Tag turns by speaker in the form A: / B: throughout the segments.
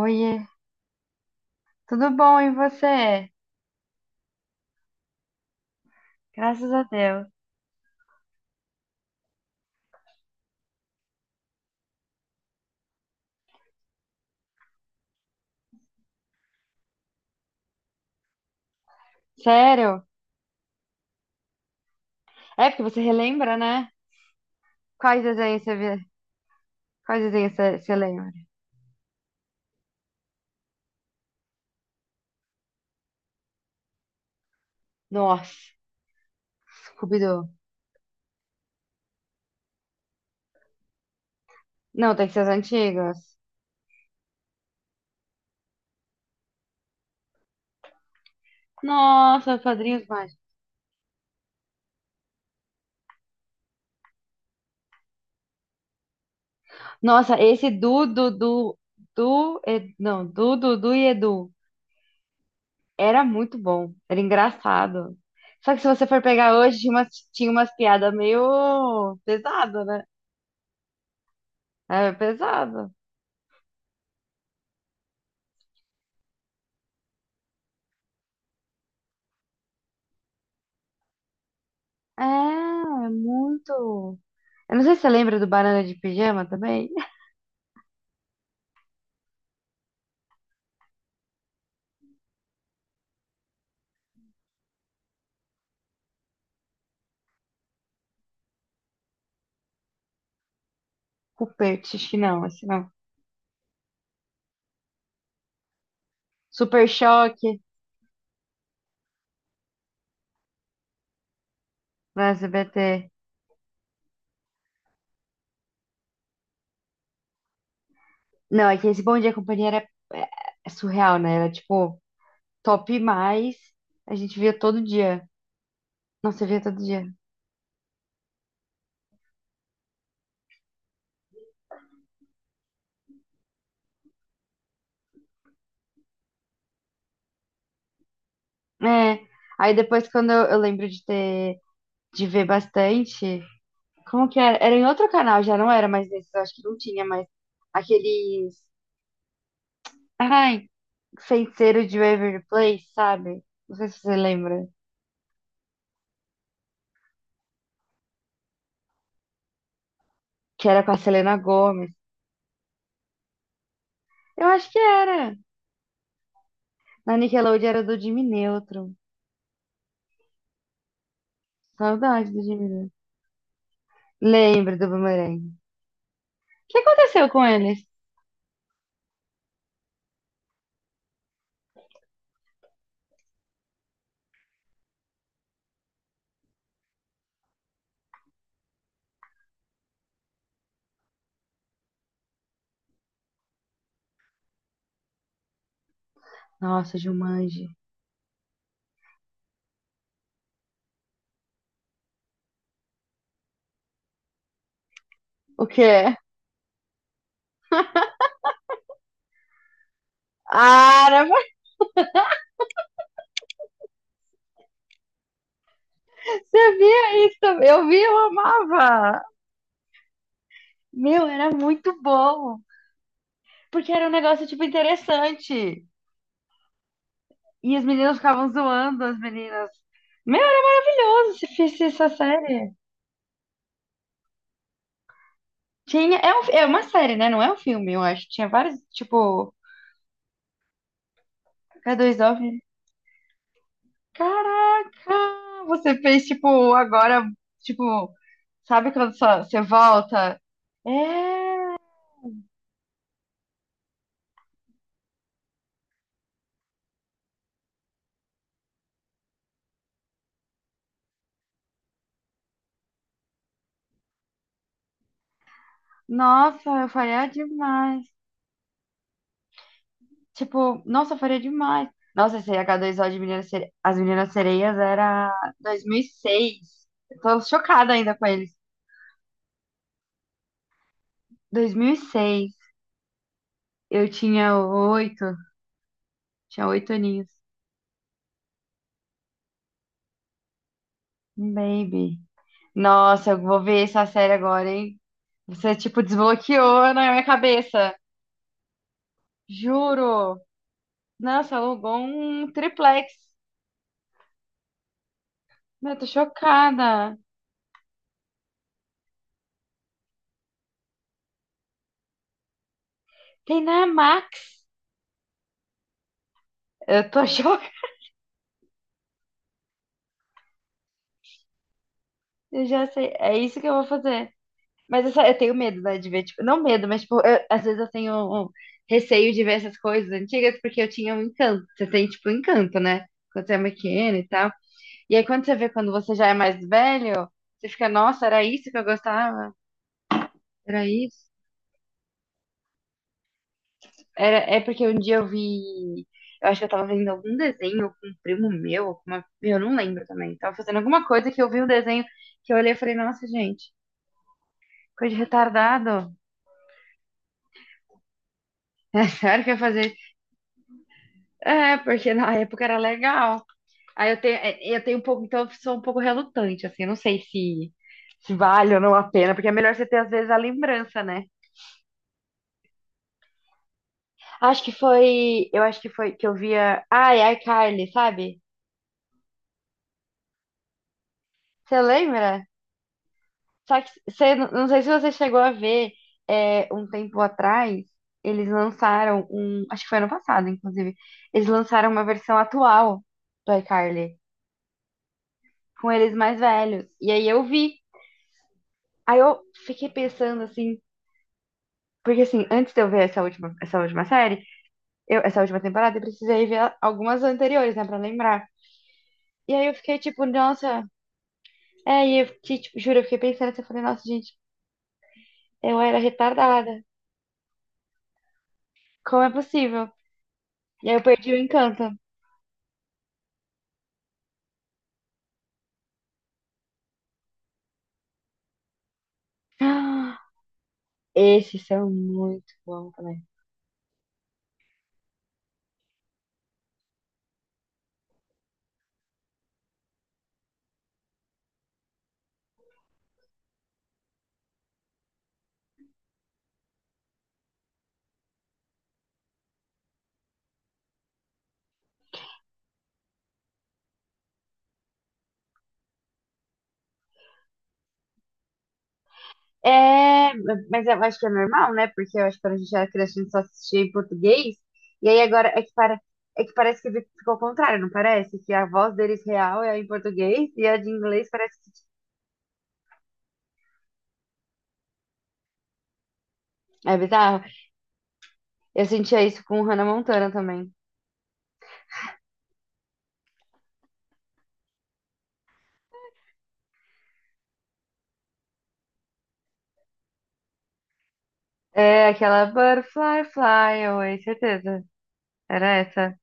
A: Oiê, tudo bom e você? Graças a Deus. Sério? É porque você relembra, né? Quais desenhos você vê? Quais desenhos você lembra? Nossa, Scooby-Doo. Não, tem que ser os antigos. Nossa, Padrinhos Mágicos. Nossa, esse Du, Dudu, Du, Ed- não, Dudu e Edu. Era muito bom, era engraçado. Só que se você for pegar hoje, tinha umas piadas meio pesado, né? É pesado. É muito. Eu não sei se você lembra do Banana de Pijama também. Rupert, acho que não, esse não. Super Choque no SBT. Não, é que esse Bom Dia Companhia era surreal, né? Era tipo top mais. A gente via todo dia. Nossa, eu via todo dia. É. Aí depois, quando eu lembro de ver bastante. Como que era? Era em outro canal, já não era mais nesse, eu acho que não tinha mais aqueles. Ai, Feiticeiro de Waverly Place, sabe? Não sei se você lembra. Que era com a Selena Gomez. Eu acho que era. Na Nickelodeon era do Jimmy Neutron. Saudade do Jimmy Neutron. Lembro do Boomerang. O que aconteceu com eles? Nossa, Jumanji. O quê? Ah, não, mas você via isso também. Eu via, eu amava. Meu, era muito bom. Porque era um negócio, tipo, interessante. E as meninas ficavam zoando as meninas. Meu, era maravilhoso se fizesse essa série. Tinha, é uma série, né? Não é um filme, eu acho. Tinha vários, tipo, k 2 o. Caraca! Você fez, tipo, agora, tipo, sabe quando você volta? É! Nossa, eu faria demais. Tipo, nossa, eu faria demais. Nossa, esse H2O de Meninas Sere... As Meninas Sereias era 2006. Eu tô chocada ainda com eles. 2006. Eu tinha oito aninhos. Um baby. Nossa, eu vou ver essa série agora, hein? Você, tipo, desbloqueou na minha cabeça. Juro. Nossa, alugou um triplex. Meu, eu tô chocada. Tem na Max. Eu tô chocada. Eu já sei. É isso que eu vou fazer. Mas eu tenho medo, né, de ver, tipo, não medo, mas, tipo, às vezes eu tenho um receio de ver essas coisas antigas porque eu tinha um encanto. Você tem, tipo, um encanto, né? Quando você é pequeno e tal. E aí, quando você vê quando você já é mais velho, você fica, nossa, era isso que eu gostava. Era isso? Era, é porque um dia eu vi. Eu acho que eu tava vendo algum desenho com um primo meu, ou com uma, eu não lembro também. Tava fazendo alguma coisa que eu vi um desenho que eu olhei e falei, nossa, gente, coisa de retardado. É sério que eu ia fazer? É, porque na época era legal. Aí eu tenho um pouco, então eu sou um pouco relutante, assim, eu não sei se vale ou não a pena, porque é melhor você ter, às vezes, a lembrança, né? Acho que foi. Eu acho que foi que eu via. Ai, ai, Carly, sabe? Você lembra? Só que você, não sei se você chegou a ver, um tempo atrás, eles lançaram um. Acho que foi ano passado, inclusive. Eles lançaram uma versão atual do iCarly, com eles mais velhos. E aí eu vi. Aí eu fiquei pensando assim. Porque assim, antes de eu ver essa última série, essa última temporada, eu precisei ver algumas anteriores, né, pra lembrar. E aí eu fiquei tipo, nossa. É, e eu fiquei, tipo, juro, eu fiquei pensando assim, eu falei, nossa, gente, eu era retardada. Como é possível? E aí eu perdi o encanto. Ah, esses são muito bons também. É, mas eu acho que é normal, né? Porque eu acho que quando a gente era criança, a gente só assistia em português. E aí agora é que, é que parece que ficou ao contrário, não parece? Que a voz deles real é em português e a de inglês parece que é bizarro. Eu sentia isso com Hannah Montana também. É aquela Butterfly Fly Away, certeza. Era essa.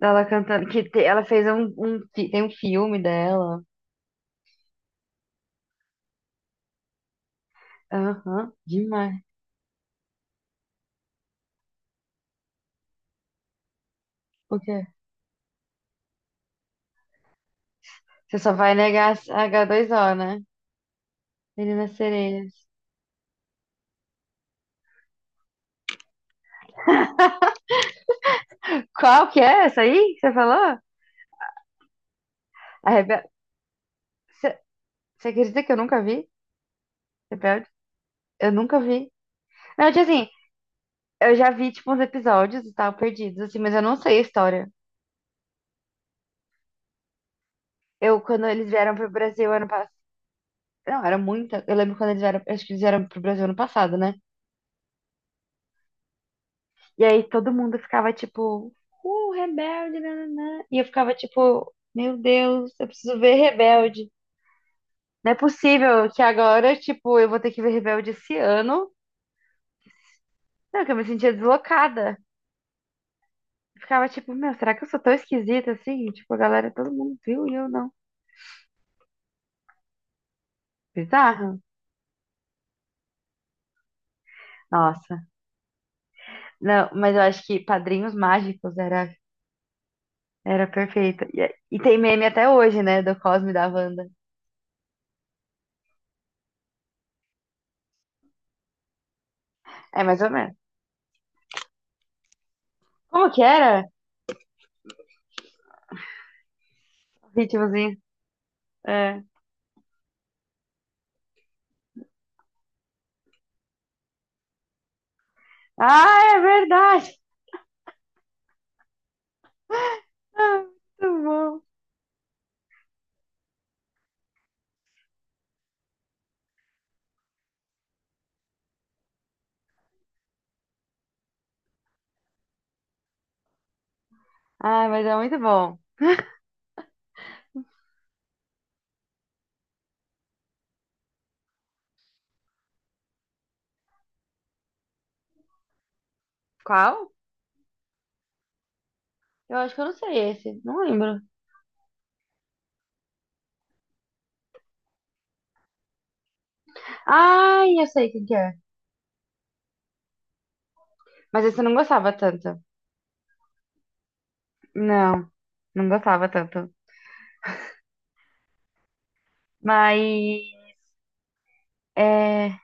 A: Dela cantando. Ela fez. Tem um filme dela. Aham, demais. Ok. Você só vai negar H2O, né? Meninas sereias. Qual que é essa aí que você falou? A Rebelde. Você você acredita que eu nunca vi? Rebelde? Eu nunca vi. Não, tipo assim, eu já vi, tipo, uns episódios e tal, perdidos, assim, mas eu não sei a história. Eu, quando eles vieram pro Brasil ano passado. Não, era muita. Eu lembro quando eles vieram. Acho que eles vieram pro Brasil ano passado, né? E aí todo mundo ficava tipo. Rebelde, nananã. E eu ficava tipo. Meu Deus, eu preciso ver Rebelde. Não é possível que agora, tipo, eu vou ter que ver Rebelde esse ano. Não, que eu me sentia deslocada. Eu ficava tipo, meu, será que eu sou tão esquisita assim? Tipo, a galera, todo mundo viu e eu não. Bizarro. Nossa. Não, mas eu acho que Padrinhos Mágicos era perfeita. E tem meme até hoje, né? Do Cosme e da Wanda. É mais ou menos. Como que era? O ritmozinho. É. Ah, é verdade! Ah, muito bom. Ah, mas é muito bom. Qual? Eu acho que eu não sei esse. Não lembro. Ai, eu sei quem que é. Mas esse eu não gostava tanto. Não, não gostava tanto. Mas é.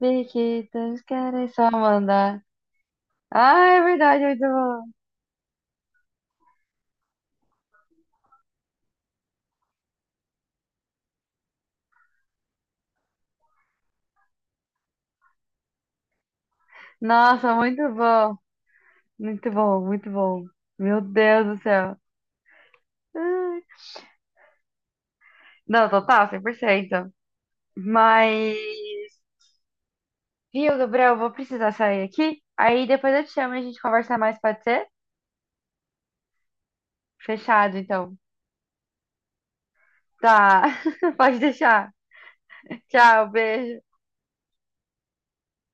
A: Biquitas querem só mandar. Ai, é verdade, muito bom. Nossa, muito bom. Muito bom, muito bom. Meu Deus do céu. Ai. Não, total, 100%. Mas. Viu, Gabriel? Eu vou precisar sair aqui. Aí depois eu te chamo e a gente conversa mais, pode ser? Fechado, então. Tá, pode deixar. Tchau, beijo.